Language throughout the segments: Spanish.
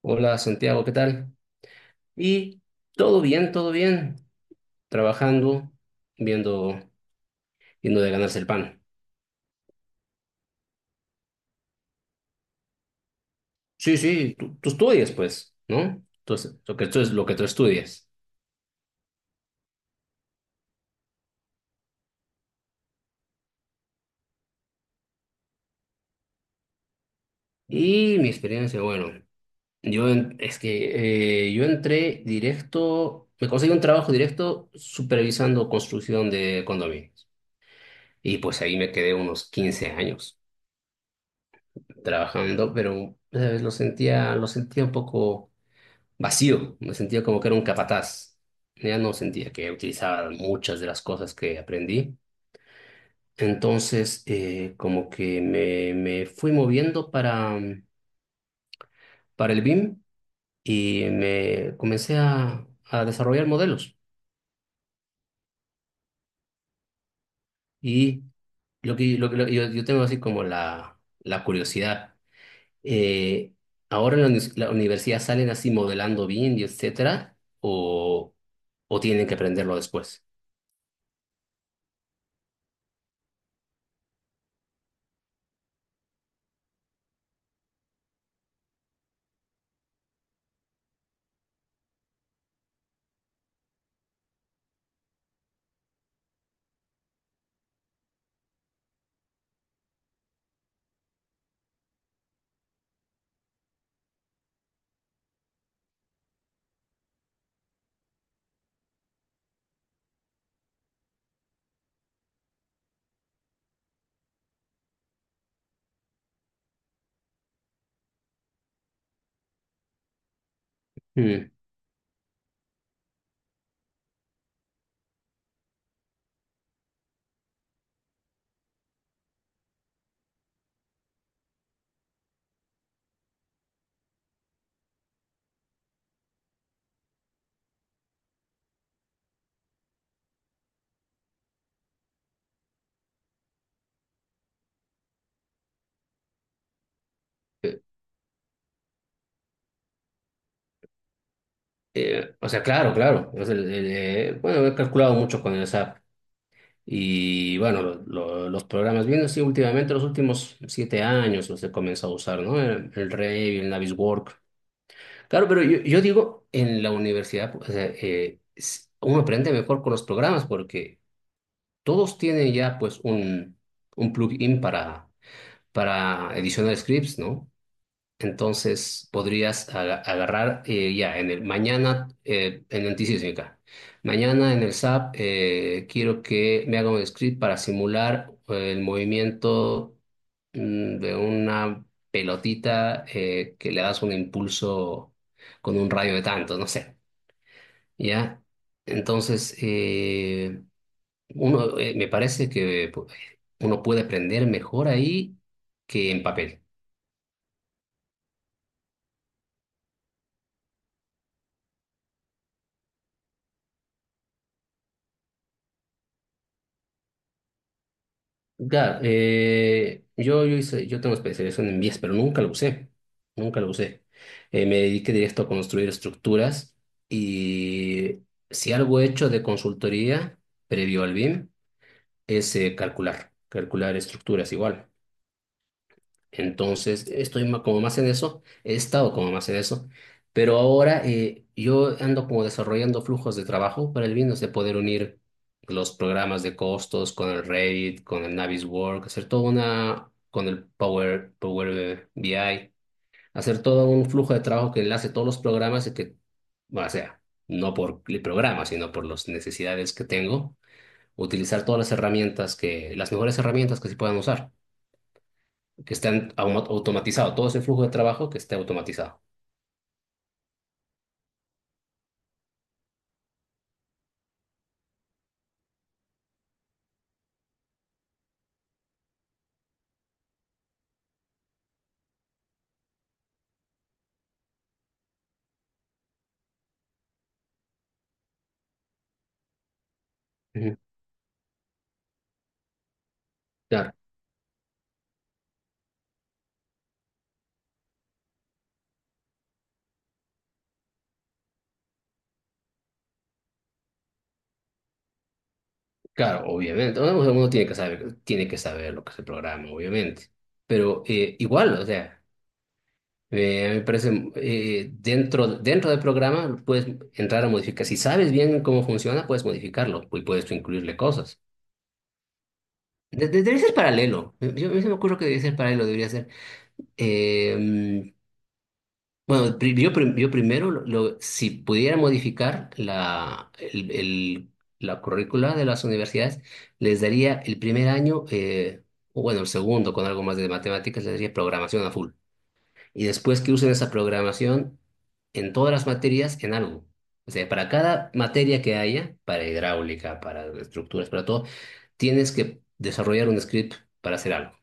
Hola Santiago, ¿qué tal? Y todo bien, trabajando, viendo, viendo de ganarse el pan. Sí, sí, tú estudias, pues, ¿no? Entonces, lo que tú es lo que tú estudias. Y mi experiencia, bueno, es que yo entré directo, me conseguí un trabajo directo supervisando construcción de condominios. Y pues ahí me quedé unos 15 años trabajando, pero ¿sabes?, lo sentía un poco vacío, me sentía como que era un capataz. Ya no sentía que utilizaba muchas de las cosas que aprendí. Entonces, como que me fui moviendo para el BIM y me comencé a desarrollar modelos. Y lo que yo tengo así como la curiosidad. eh, ¿Ahora en la universidad salen así modelando bien y etcétera? ¿O tienen que aprenderlo después? Mm. O sea, claro, claro. O sea, bueno, he calculado mucho con el SAP. Y bueno, los programas, bien así últimamente, los últimos 7 años los he comenzado a usar, ¿no? El Revit, el Naviswork. Claro, pero yo digo, en la universidad, pues, o sea, uno aprende mejor con los programas porque todos tienen ya, pues, un plugin para edicionar scripts, ¿no? Entonces podrías agarrar ya en el mañana en Antisísmica. Mañana en el SAP quiero que me haga un script para simular el movimiento de una pelotita que le das un impulso con un rayo de tanto, no sé. ¿Ya? Entonces, me parece que uno puede aprender mejor ahí que en papel. Claro, yo tengo especialización en vías, pero nunca lo usé, nunca lo usé. Me dediqué directo a construir estructuras y, si algo he hecho de consultoría previo al BIM, es calcular estructuras igual. Entonces, estoy como más en eso, he estado como más en eso, pero ahora yo ando como desarrollando flujos de trabajo para el Windows, de poder unir los programas de costos con el Revit, con el Navisworks, hacer toda una, con el Power BI, hacer todo un flujo de trabajo que enlace todos los programas y que, bueno, o sea, no por el programa, sino por las necesidades que tengo, utilizar todas las herramientas que, las mejores herramientas que se puedan usar, que están automatizados, todo ese flujo de trabajo que esté automatizado. Ujú. Claro, claro, obviamente. Uno tiene que saber lo que es el programa, obviamente. Pero igual, o sea, a mí me parece, dentro del programa puedes entrar a modificar. Si sabes bien cómo funciona, puedes modificarlo y puedes incluirle cosas. Debería ser paralelo. Yo, a mí se me ocurre que debería ser paralelo, debería ser. eh, Bueno, yo primero, si pudiera modificar la currícula de las universidades, les daría el primer año, o bueno, el segundo, con algo más de matemáticas, les daría programación a full. Y después, que usen esa programación en todas las materias, en algo. O sea, para cada materia que haya, para hidráulica, para estructuras, para todo, tienes que desarrollar un script para hacer algo.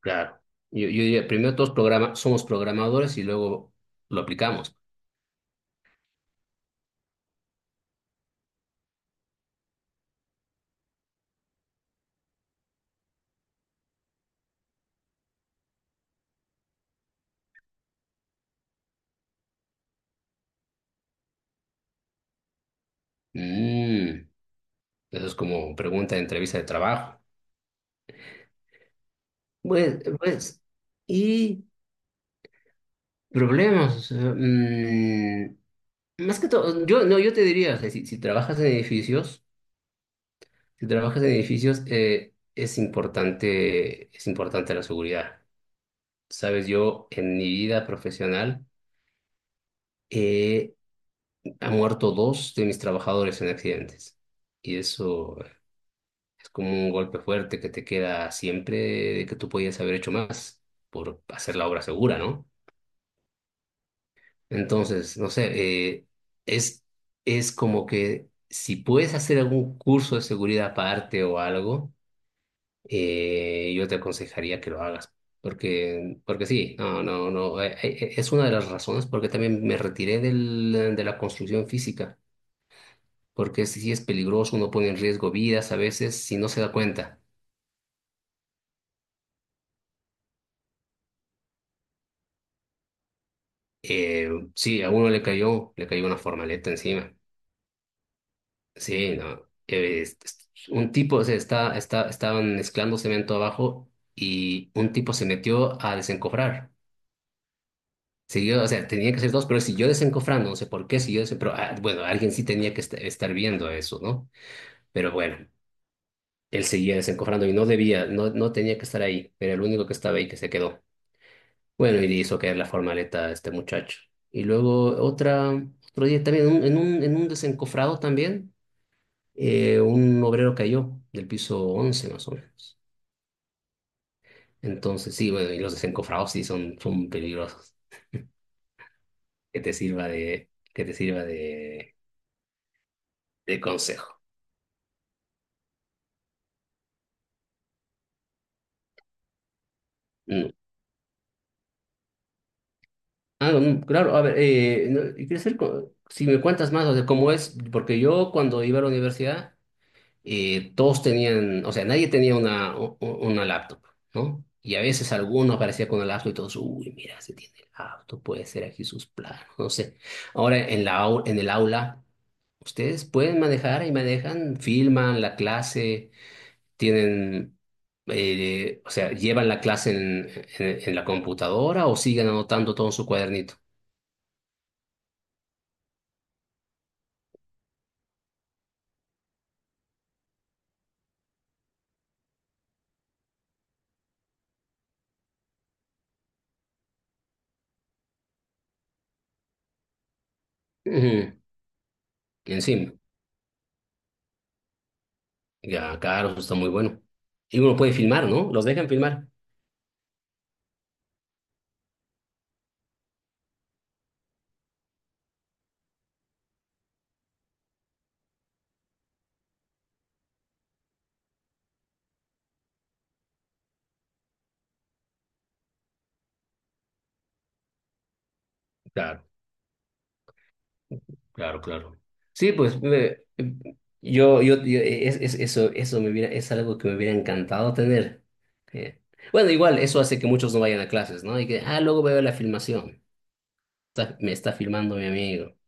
Claro. Yo diría, primero todos programa, somos programadores y luego lo aplicamos. Mm, Eso es como pregunta de entrevista de trabajo. Pues, y problemas. O sea, más que todo, yo, no, yo te diría, o sea, si trabajas en edificios, si trabajas en edificios, es importante la seguridad. Sabes, yo en mi vida profesional eh, han muerto dos de mis trabajadores en accidentes. Y eso es como un golpe fuerte que te queda siempre, de que tú podías haber hecho más por hacer la obra segura, ¿no? Entonces, no sé, es, es como que, si puedes hacer algún curso de seguridad aparte o algo, yo te aconsejaría que lo hagas. Porque sí, no, no, no, es una de las razones porque también me retiré de la construcción física, porque si es peligroso, uno pone en riesgo vidas a veces si no se da cuenta. Eh, sí, a uno le cayó una formaleta encima. Sí, no. Un tipo, o sea, estaban mezclando cemento abajo y un tipo se metió a desencofrar. Siguió, o sea, tenía que ser dos, pero siguió desencofrando, no sé por qué siguió pero, ah, bueno, alguien sí tenía que estar viendo eso, ¿no? Pero bueno, él seguía desencofrando y no debía, no, no tenía que estar ahí, era el único que estaba ahí, que se quedó. Bueno, y hizo caer la formaleta a este muchacho. Y luego otro día también, en un desencofrado también, un obrero cayó del piso 11 más o menos. Entonces, sí, bueno, y los desencofrados sí son peligrosos. Que te sirva de, que te sirva de consejo. Mm. Ah, claro, a ver, no, y quiero saber si me cuentas más, o sea, cómo es, porque yo, cuando iba a la universidad, todos tenían, o sea, nadie tenía una laptop, ¿no? Y a veces algunos aparecían con una laptop y todos, uy, mira, se tiene laptop, puede ser aquí sus planos, no sé. Ahora en el aula, ustedes pueden manejar y manejan, filman la clase, tienen, o sea, llevan la clase en, la computadora, o siguen anotando todo en su cuadernito. Ujú. Encima, ya, claro, eso está muy bueno. Y uno puede filmar, ¿no? Los dejan filmar. Claro. Claro, claro. Sí, pues es algo que me hubiera encantado tener. Eh, bueno, igual, eso hace que muchos no vayan a clases, ¿no? Y que, ah, luego veo la filmación. Me está filmando mi amigo.